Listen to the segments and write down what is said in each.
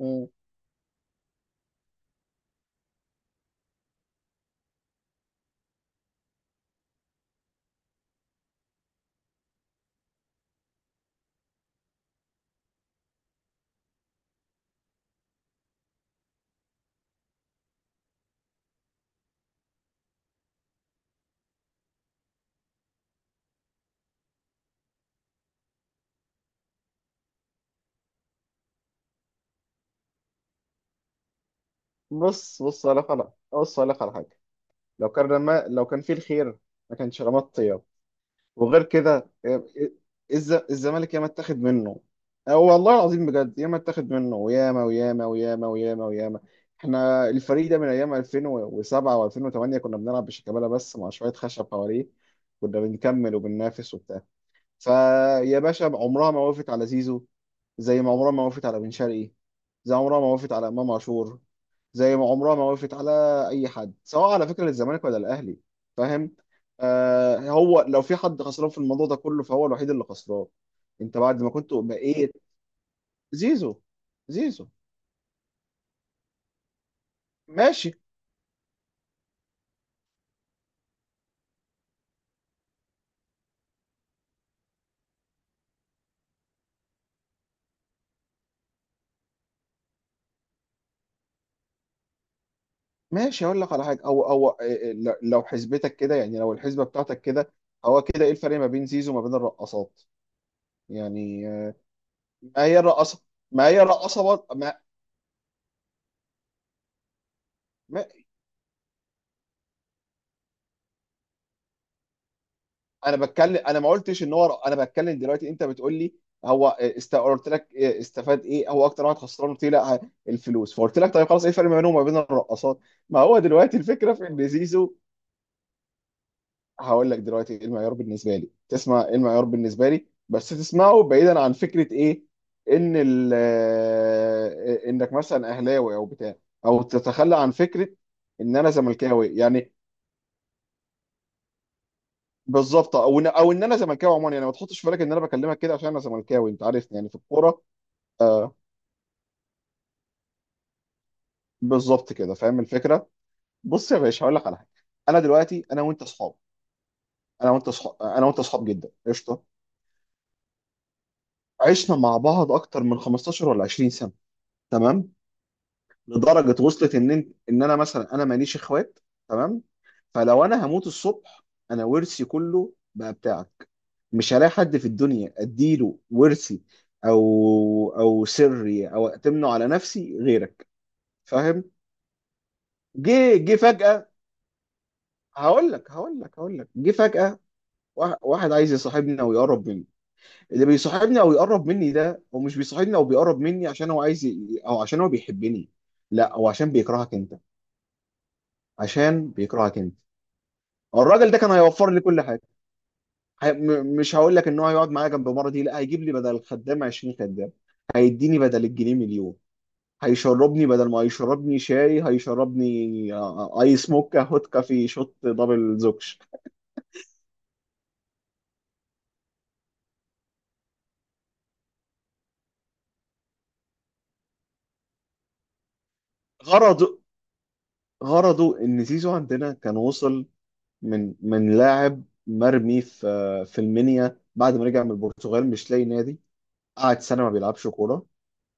مم. بص بص أقول لك على بص أقول لك على حاجة. لو كان فيه الخير ما كانش رمى الطياب. وغير كده إيه، إيه، الزمالك ياما اتاخد منه، أو والله العظيم بجد ياما اتاخد منه وياما وياما وياما وياما وياما. احنا الفريق ده من أيام 2007 و2008 كنا بنلعب بشيكابالا بس مع شوية خشب حواليه، كنا بنكمل وبننافس وبتاع. فيا باشا عمرها ما وقفت على زيزو، زي ما عمرها ما وقفت على بن شرقي، زي عمرها ما وقفت على امام عاشور، زي ما عمرها ما وقفت على اي حد، سواء على فكره للزمالك ولا الاهلي، فاهم؟ آه، هو لو في حد خسران في الموضوع ده كله فهو الوحيد اللي خسران. انت بعد ما كنت بقيت. زيزو. زيزو. ماشي. ماشي، اقول لك على حاجه. او او آه، آه، لو حسبتك كده، يعني لو الحسبه بتاعتك كده، هو كده ايه الفرق ما بين زيزو وما بين الرقصات يعني؟ ما هي الرقاصه، ما هي الرقاصه برضه ما... ما... انا بتكلم، انا ما قلتش ان هو انا بتكلم دلوقتي. انت بتقول لي قلت لك استفاد ايه، هو اكتر واحد خسران، قلت لي لا الفلوس، فقلت لك طيب خلاص ايه الفرق ما بينهم وما بين الرقاصات؟ ما هو دلوقتي الفكره في ان زيزو. هقول لك دلوقتي ايه المعيار بالنسبه لي، تسمع ايه المعيار بالنسبه لي بس تسمعه بعيدا عن فكره ايه. ان ال... انك مثلا اهلاوي او بتاع، او تتخلى عن فكره ان انا زملكاوي يعني. بالظبط، او ان او ان انا زملكاوي عموما يعني. ما تحطش في بالك ان انا بكلمك كده عشان انا زملكاوي، انت عارفني يعني في الكوره. آه. بالظبط كده، فاهم الفكره. بص يا باشا، هقول لك على حاجه. انا دلوقتي، انا وانت اصحاب جدا، قشطه. عشنا مع بعض اكتر من 15 ولا 20 سنه، تمام. لدرجه وصلت ان انا مثلا انا ماليش اخوات، تمام. فلو انا هموت الصبح انا ورثي كله بقى بتاعك، مش هلاقي حد في الدنيا اديله ورثي، او او سري، او اتمنه على نفسي غيرك، فاهم؟ جه فجأة، هقول لك جه فجأة واحد، واحد عايز يصاحبني او يقرب مني. اللي بيصاحبني او يقرب مني ده، هو مش بيصاحبني او بيقرب مني عشان هو عايز ي... او عشان هو بيحبني، لا، هو عشان بيكرهك انت. عشان بيكرهك انت. الراجل ده كان هيوفر لي كل حاجه. هي... م... مش هقول لك ان هو هيقعد معايا جنب مرضي، لا، هيجيب لي بدل الخدام 20 خدام، هيديني بدل الجنيه مليون، هيشربني بدل ما هيشربني شاي هيشربني ايس موكا هوت كافي شوت دبل زوكش. غرضه، غرضه ان زيزو عندنا كان وصل من لاعب مرمي في المنيا بعد ما رجع من البرتغال مش لاقي نادي، قعد سنه ما بيلعبش كوره،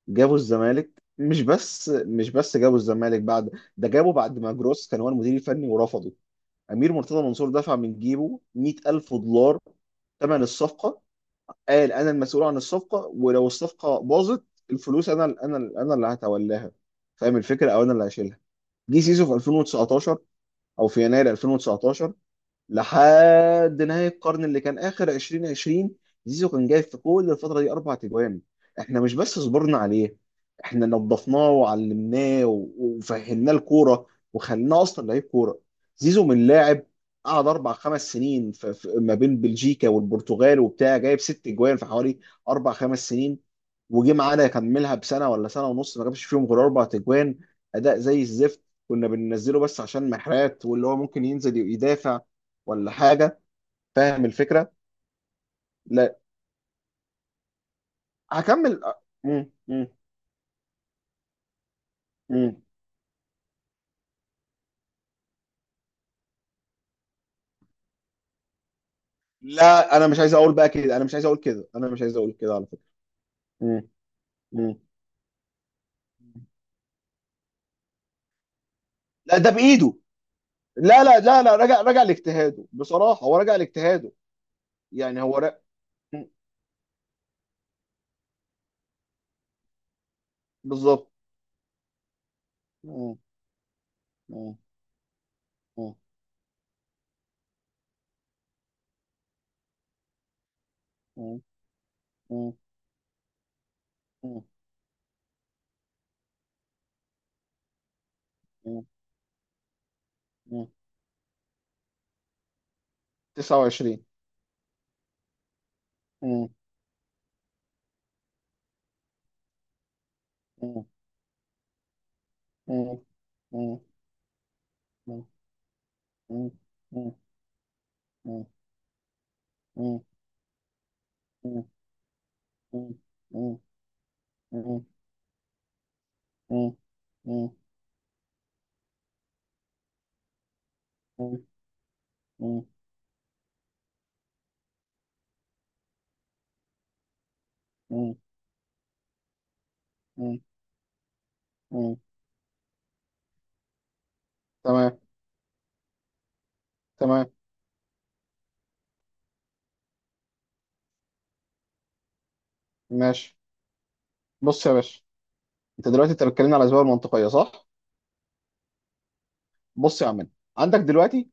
جابوا الزمالك. مش بس جابوا الزمالك بعد، ده جابوا بعد ما جروس كان هو المدير الفني ورفضه. امير مرتضى منصور دفع من جيبه 100,000 دولار ثمن الصفقه، قال انا المسؤول عن الصفقه ولو الصفقه باظت الفلوس انا اللي هتولاها، فاهم الفكره؟ او انا اللي هشيلها. جه سيسو في 2019، او في يناير 2019 لحد نهاية القرن اللي كان آخر 2020، زيزو كان جايب في كل الفترة دي أربع تجوان. إحنا مش بس صبرنا عليه، إحنا نظفناه وعلمناه وفهمناه الكورة، وخليناه أصلا لعيب كورة. زيزو من لاعب قعد أربع خمس سنين ما بين بلجيكا والبرتغال وبتاع، جايب ست جوان في حوالي أربع خمس سنين، وجي معانا يكملها بسنه ولا سنه ونص ما جابش فيهم غير اربع تجوان. اداء زي الزفت، كنا بننزله بس عشان محرات، واللي هو ممكن ينزل يدافع ولا حاجه، فاهم الفكره؟ لا، هكمل. مم. مم. مم. لا، انا مش عايز اقول بقى كده، انا مش عايز اقول كده، انا مش عايز اقول كده على فكره. مم. مم. لا، ده بايده. لا لا لا لا، رجع، رجع لاجتهاده، بصراحه هو رجع لاجتهاده، يعني هو رجع. بالظبط. مم. مم. مم. مم. مم. مم. 29. مم. مم. مم. مم. مم. مم. مم. مم. مم. مم. مم. مم. مم. مم. مم. مم. مم. مم. مم. تمام. تمام. ماشي. بص يا باشا، انت دلوقتي انت بتكلمني على الاسباب المنطقيه، صح؟ بص يا عم، عندك دلوقتي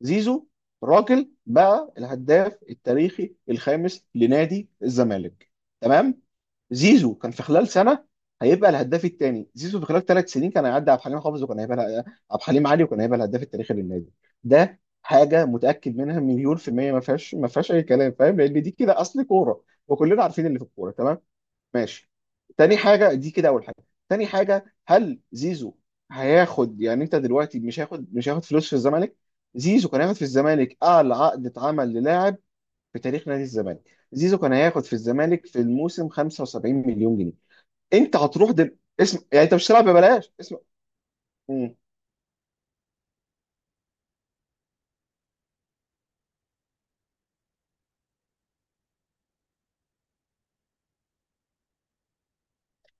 زيزو، راجل بقى الهداف التاريخي الخامس لنادي الزمالك، تمام. زيزو كان في خلال سنه هيبقى الهداف الثاني. زيزو في خلال ثلاث سنين كان هيعدي عبد الحليم حافظ، وكان هيبقى عبد الحليم علي، وكان هيبقى الهداف التاريخي للنادي. ده حاجه متاكد منها مليون في الميه، ما فيهاش اي كلام، فاهم؟ لان دي كده اصل كوره، وكلنا عارفين اللي في الكوره، تمام؟ ماشي. تاني حاجة، دي كده أول حاجة. تاني حاجة، هل زيزو هياخد يعني، أنت دلوقتي مش هياخد فلوس في الزمالك؟ زيزو كان هياخد في الزمالك أعلى عقد اتعمل للاعب في تاريخ نادي الزمالك. زيزو كان هياخد في الزمالك في الموسم 75 مليون جنيه، أنت هتروح اسم يعني، أنت مش هتلعب ببلاش اسم. مم.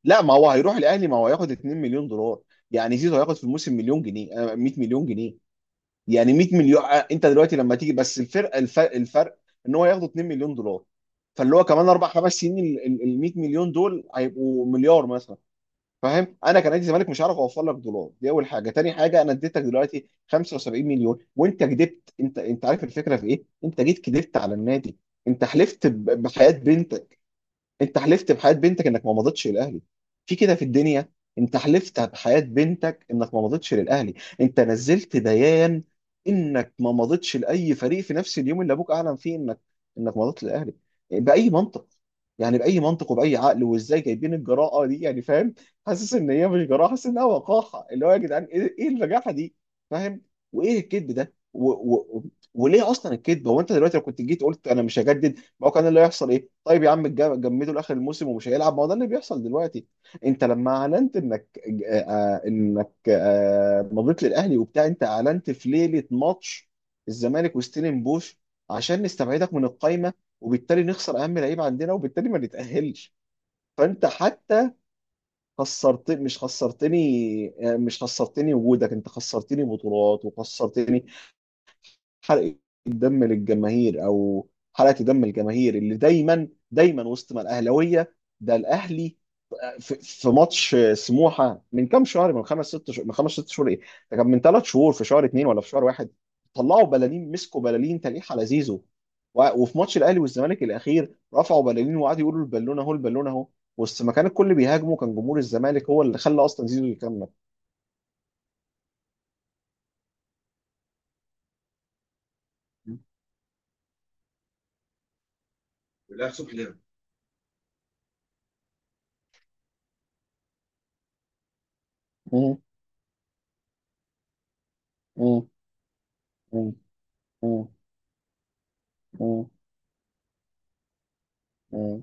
لا، ما هو هيروح الأهلي ما هو هياخد 2 مليون دولار، يعني زيزو هياخد في الموسم مليون جنيه، 100 مليون جنيه، يعني 100 مليون. انت دلوقتي لما تيجي بس الفرق، الفرق ان هو ياخدوا 2 مليون دولار، فاللي هو كمان اربع خمس سنين ال 100 مليون دول هيبقوا مليار مثلا، فاهم؟ انا كنادي زمالك مش هعرف اوفر لك دولار، دي اول حاجه. تاني حاجه، انا اديتك دلوقتي 75 مليون وانت كدبت، انت عارف الفكره في ايه؟ انت جيت كدبت على النادي، انت حلفت بحياه بنت، انت حلفت بحياة بنتك انك ما مضيتش للاهلي، في كده في الدنيا؟ انت حلفت بحياة بنتك انك ما مضيتش للاهلي، انت نزلت بيان انك ما مضيتش لاي فريق في نفس اليوم اللي ابوك اعلن فيه انك مضيت للاهلي، باي منطق؟ يعني باي منطق وباي عقل، وازاي جايبين الجراءه دي يعني، فاهم؟ حاسس ان هي مش جراءه، حاسس انها وقاحه، اللي هو يا جدعان ايه، ايه البجاحه دي، فاهم؟ وايه الكذب ده وليه اصلا الكذب؟ هو انت دلوقتي لو كنت جيت قلت انا مش هجدد، ما هو كان اللي هيحصل ايه؟ طيب يا عم جمدوا لاخر الموسم ومش هيلعب، ما هو ده اللي بيحصل دلوقتي. انت لما اعلنت انك انك مضيت للاهلي وبتاع، انت اعلنت في ليله ماتش الزمالك وستيلن بوش، عشان نستبعدك من القايمه وبالتالي نخسر اهم لعيب عندنا وبالتالي ما نتاهلش. فانت حتى خسرت، مش خسرتني. مش خسرتني وجودك، انت خسرتني بطولات وخسرتني حرقة دم للجماهير، او حرقة دم الجماهير اللي دايما دايما وسط ما الاهلاويه، ده الاهلي في ماتش سموحه من كام شهر، من خمس ست شهور، ايه، ده كان من ثلاث شهور في شهر اثنين ولا في شهر واحد، طلعوا بلالين، مسكوا بلالين تليح على زيزو، وفي ماتش الاهلي والزمالك الاخير رفعوا بلالين وقعدوا يقولوا البالونه اهو، البالونه اهو، وسط ما كان الكل بيهاجمه كان جمهور الزمالك هو اللي خلى اصلا زيزو يكمل. والاخ صبحي ده. مم. مم. مم. مم. مم.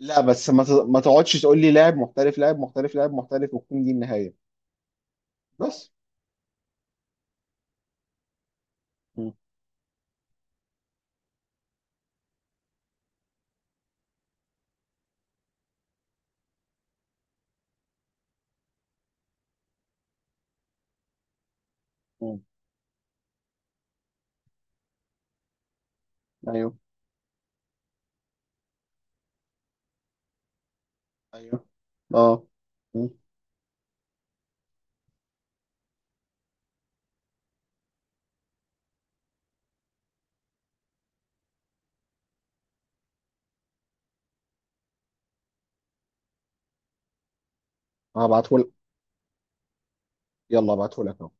لا بس ما تقعدش تقول لي لاعب محترف لاعب محترف لاعب محترف وتكون دي النهاية. بس م- م. ايوه. ايوه. اه. هبعتهولك. يلا هبعتهولك اهو.